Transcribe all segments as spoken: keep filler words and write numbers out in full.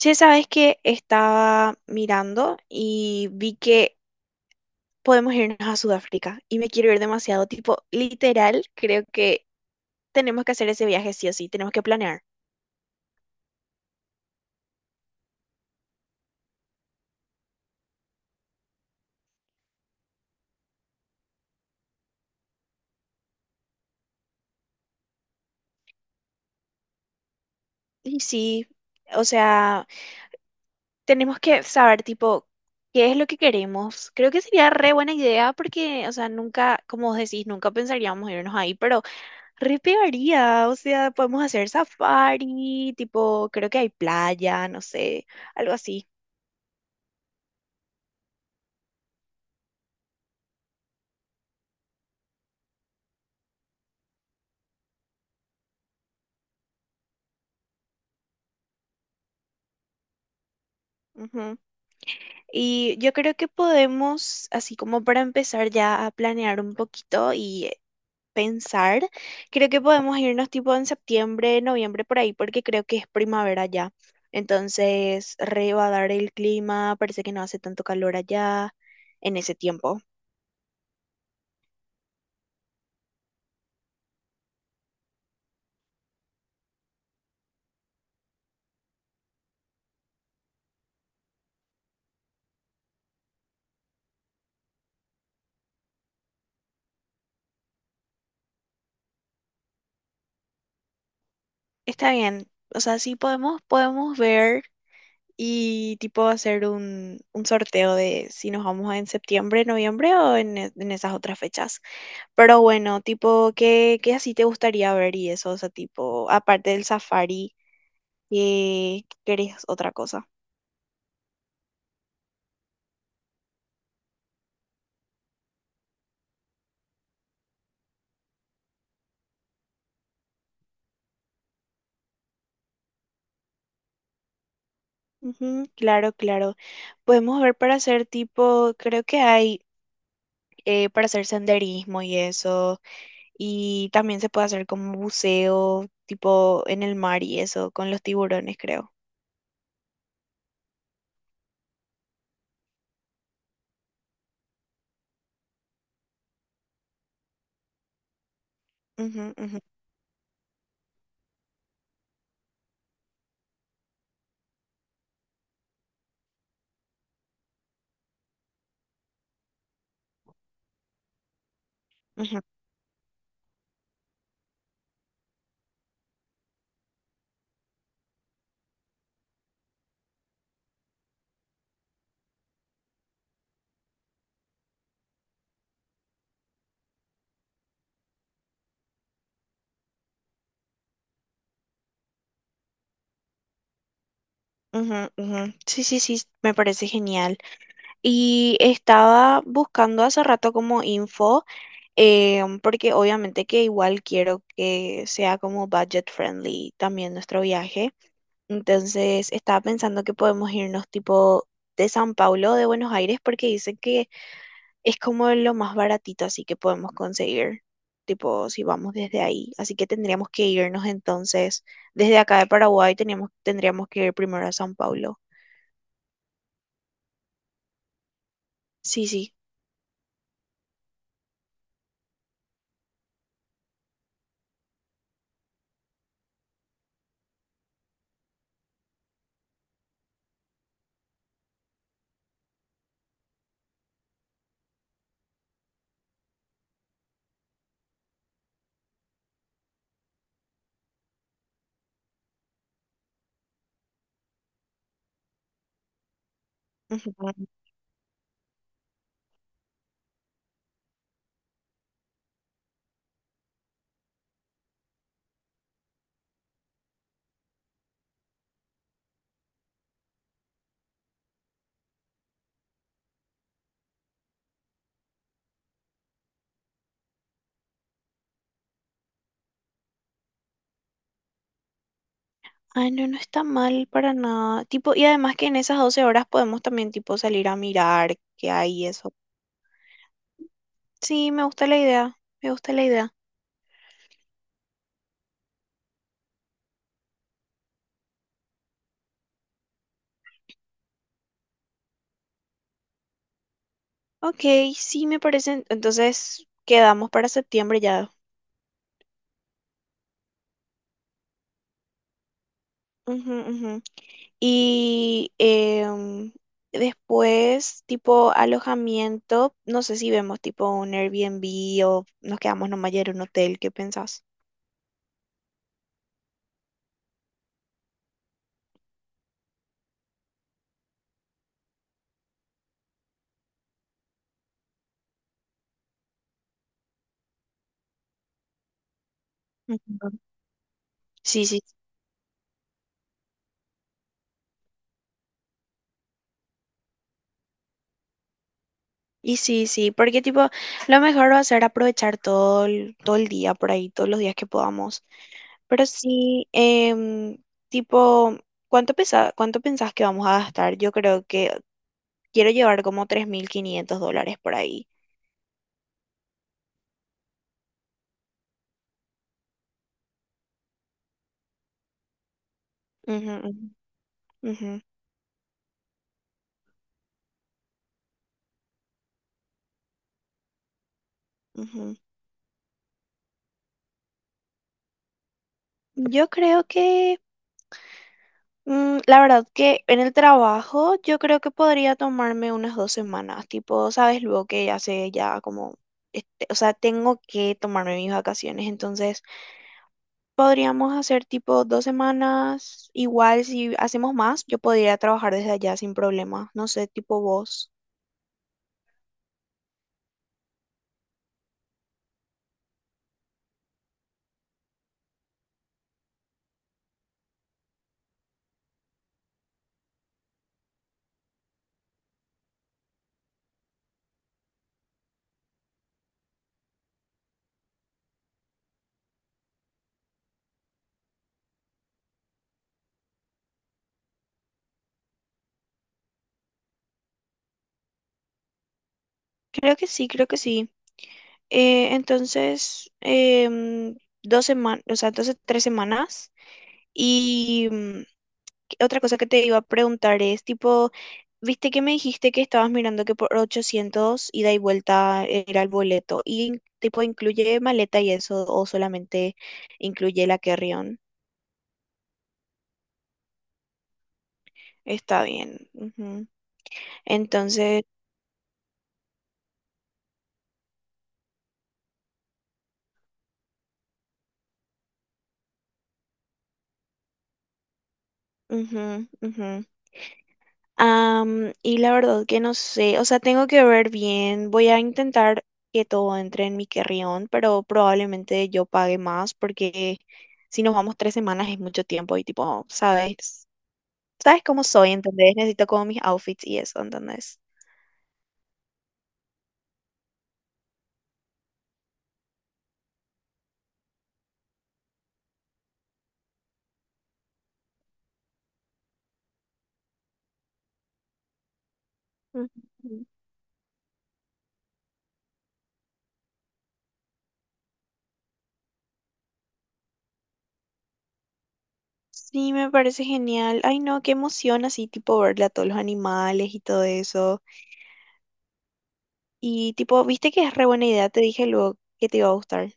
Che, sabes que estaba mirando y vi que podemos irnos a Sudáfrica y me quiero ir demasiado, tipo, literal, creo que tenemos que hacer ese viaje sí o sí, tenemos que planear. Y sí, o sea, tenemos que saber, tipo, qué es lo que queremos. Creo que sería re buena idea porque, o sea, nunca, como vos decís, nunca pensaríamos irnos ahí, pero re pegaría, o sea, podemos hacer safari, tipo, creo que hay playa, no sé, algo así. Ujú. Y yo creo que podemos, así como para empezar ya a planear un poquito y eh, pensar, creo que podemos irnos tipo en septiembre, noviembre por ahí, porque creo que es primavera ya. Entonces, re va a dar el clima, parece que no hace tanto calor allá en ese tiempo. Está bien. O sea, sí podemos, podemos ver y tipo hacer un, un sorteo de si nos vamos en septiembre, noviembre o en, e- en esas otras fechas. Pero bueno, tipo, ¿qué, qué así te gustaría ver y eso? O sea, tipo, aparte del safari, ¿qué qué querés otra cosa? Ujú, claro, claro. Podemos ver para hacer tipo, creo que hay eh, para hacer senderismo y eso, y también se puede hacer como buceo, tipo en el mar y eso, con los tiburones, creo. Ujú, ujú, ujú, ujú, ujú. Sí, sí, sí, me parece genial. Y estaba buscando hace rato como info, eh, porque obviamente que igual quiero que sea como budget friendly también nuestro viaje. Entonces estaba pensando que podemos irnos tipo de San Paulo o de Buenos Aires porque dicen que es como lo más baratito así que podemos conseguir, tipo si vamos desde ahí. Así que tendríamos que irnos entonces desde acá de Paraguay teníamos, tendríamos que ir primero a San Paulo. Sí, sí. Ujú. Ay, no, no está mal para nada. Tipo, y además que en esas doce horas podemos también tipo salir a mirar qué hay y eso. Sí, me gusta la idea. Me gusta la idea. Ok, sí, me parece. Entonces quedamos para septiembre ya. Ujú, ujú. Y em, después, tipo alojamiento, no sé si vemos tipo un Airbnb o nos quedamos nomás ya en un hotel. ¿Qué pensás? Ujú. Sí, sí. Y sí, sí, porque tipo, lo mejor va a ser aprovechar todo el, todo el día por ahí, todos los días que podamos. Pero sí, em, tipo, ¿cuánto pesa, cuánto pensás que vamos a gastar? Yo creo que quiero llevar como tres mil quinientos dólares por ahí. Ujú, ujú, ujú, ujú. Yo creo que, mm, la verdad que en el trabajo, yo creo que podría tomarme unas dos semanas, tipo, sabes, luego que ya sé ya como, este, o sea, tengo que tomarme mis vacaciones, entonces... Podríamos hacer tipo dos semanas, igual si hacemos más, yo podría trabajar desde allá sin problema, no sé, tipo vos. Creo que sí, creo que sí. Eh, entonces, em, dos semanas, o sea, entonces tres semanas. Y mm, que- otra cosa que te iba a preguntar es, tipo, viste que me dijiste que estabas mirando que por ochocientos ida y vuelta era el boleto. ¿Y tipo incluye maleta y eso o solamente incluye la carry-on? Está bien. Entonces, ujú, ujú. Am, y la verdad que no sé, o sea, tengo que ver bien, voy a intentar que todo entre en mi carrión, pero probablemente yo pague más porque si nos vamos tres semanas es mucho tiempo y tipo, sabes, sabes, cómo soy, ¿entendés? Necesito como mis outfits y eso, ¿entendés? Ujú. Sí, me parece genial. Ay, no, qué emoción así, tipo, verle a todos los animales y todo eso. Y tipo, viste que es re buena idea, te dije luego que te iba a gustar.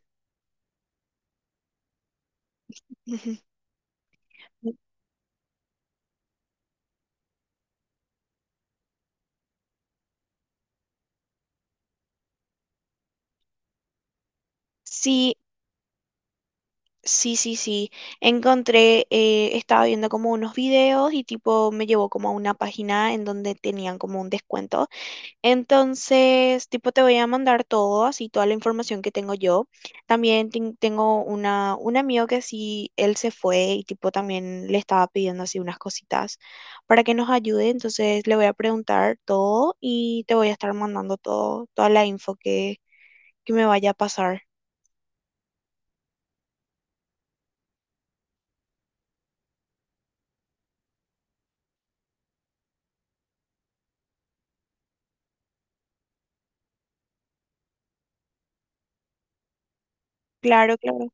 Sí, sí, sí, sí. Encontré, eh, estaba viendo como unos videos y tipo me llevó como a una página en donde tenían como un descuento. Entonces, tipo te voy a mandar todo, así toda la información que tengo yo. También ten- tengo una, un amigo que sí, él se fue y tipo también le estaba pidiendo así unas cositas para que nos ayude. Entonces le voy a preguntar todo y te voy a estar mandando todo, toda la info que, que me vaya a pasar. Claro, claro.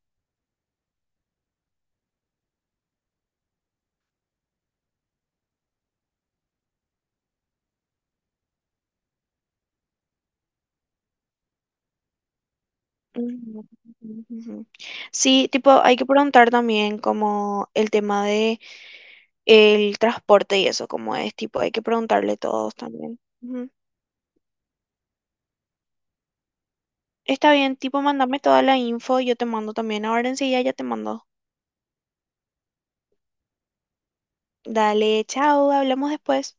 Ujú, ujú. Sí, tipo, hay que preguntar también como el tema de el transporte y eso, como es, tipo, hay que preguntarle todos también. Ujú. Está bien, tipo, mándame toda la info, yo te mando también ahora enseguida, ya te mando. Dale, chao, hablamos después.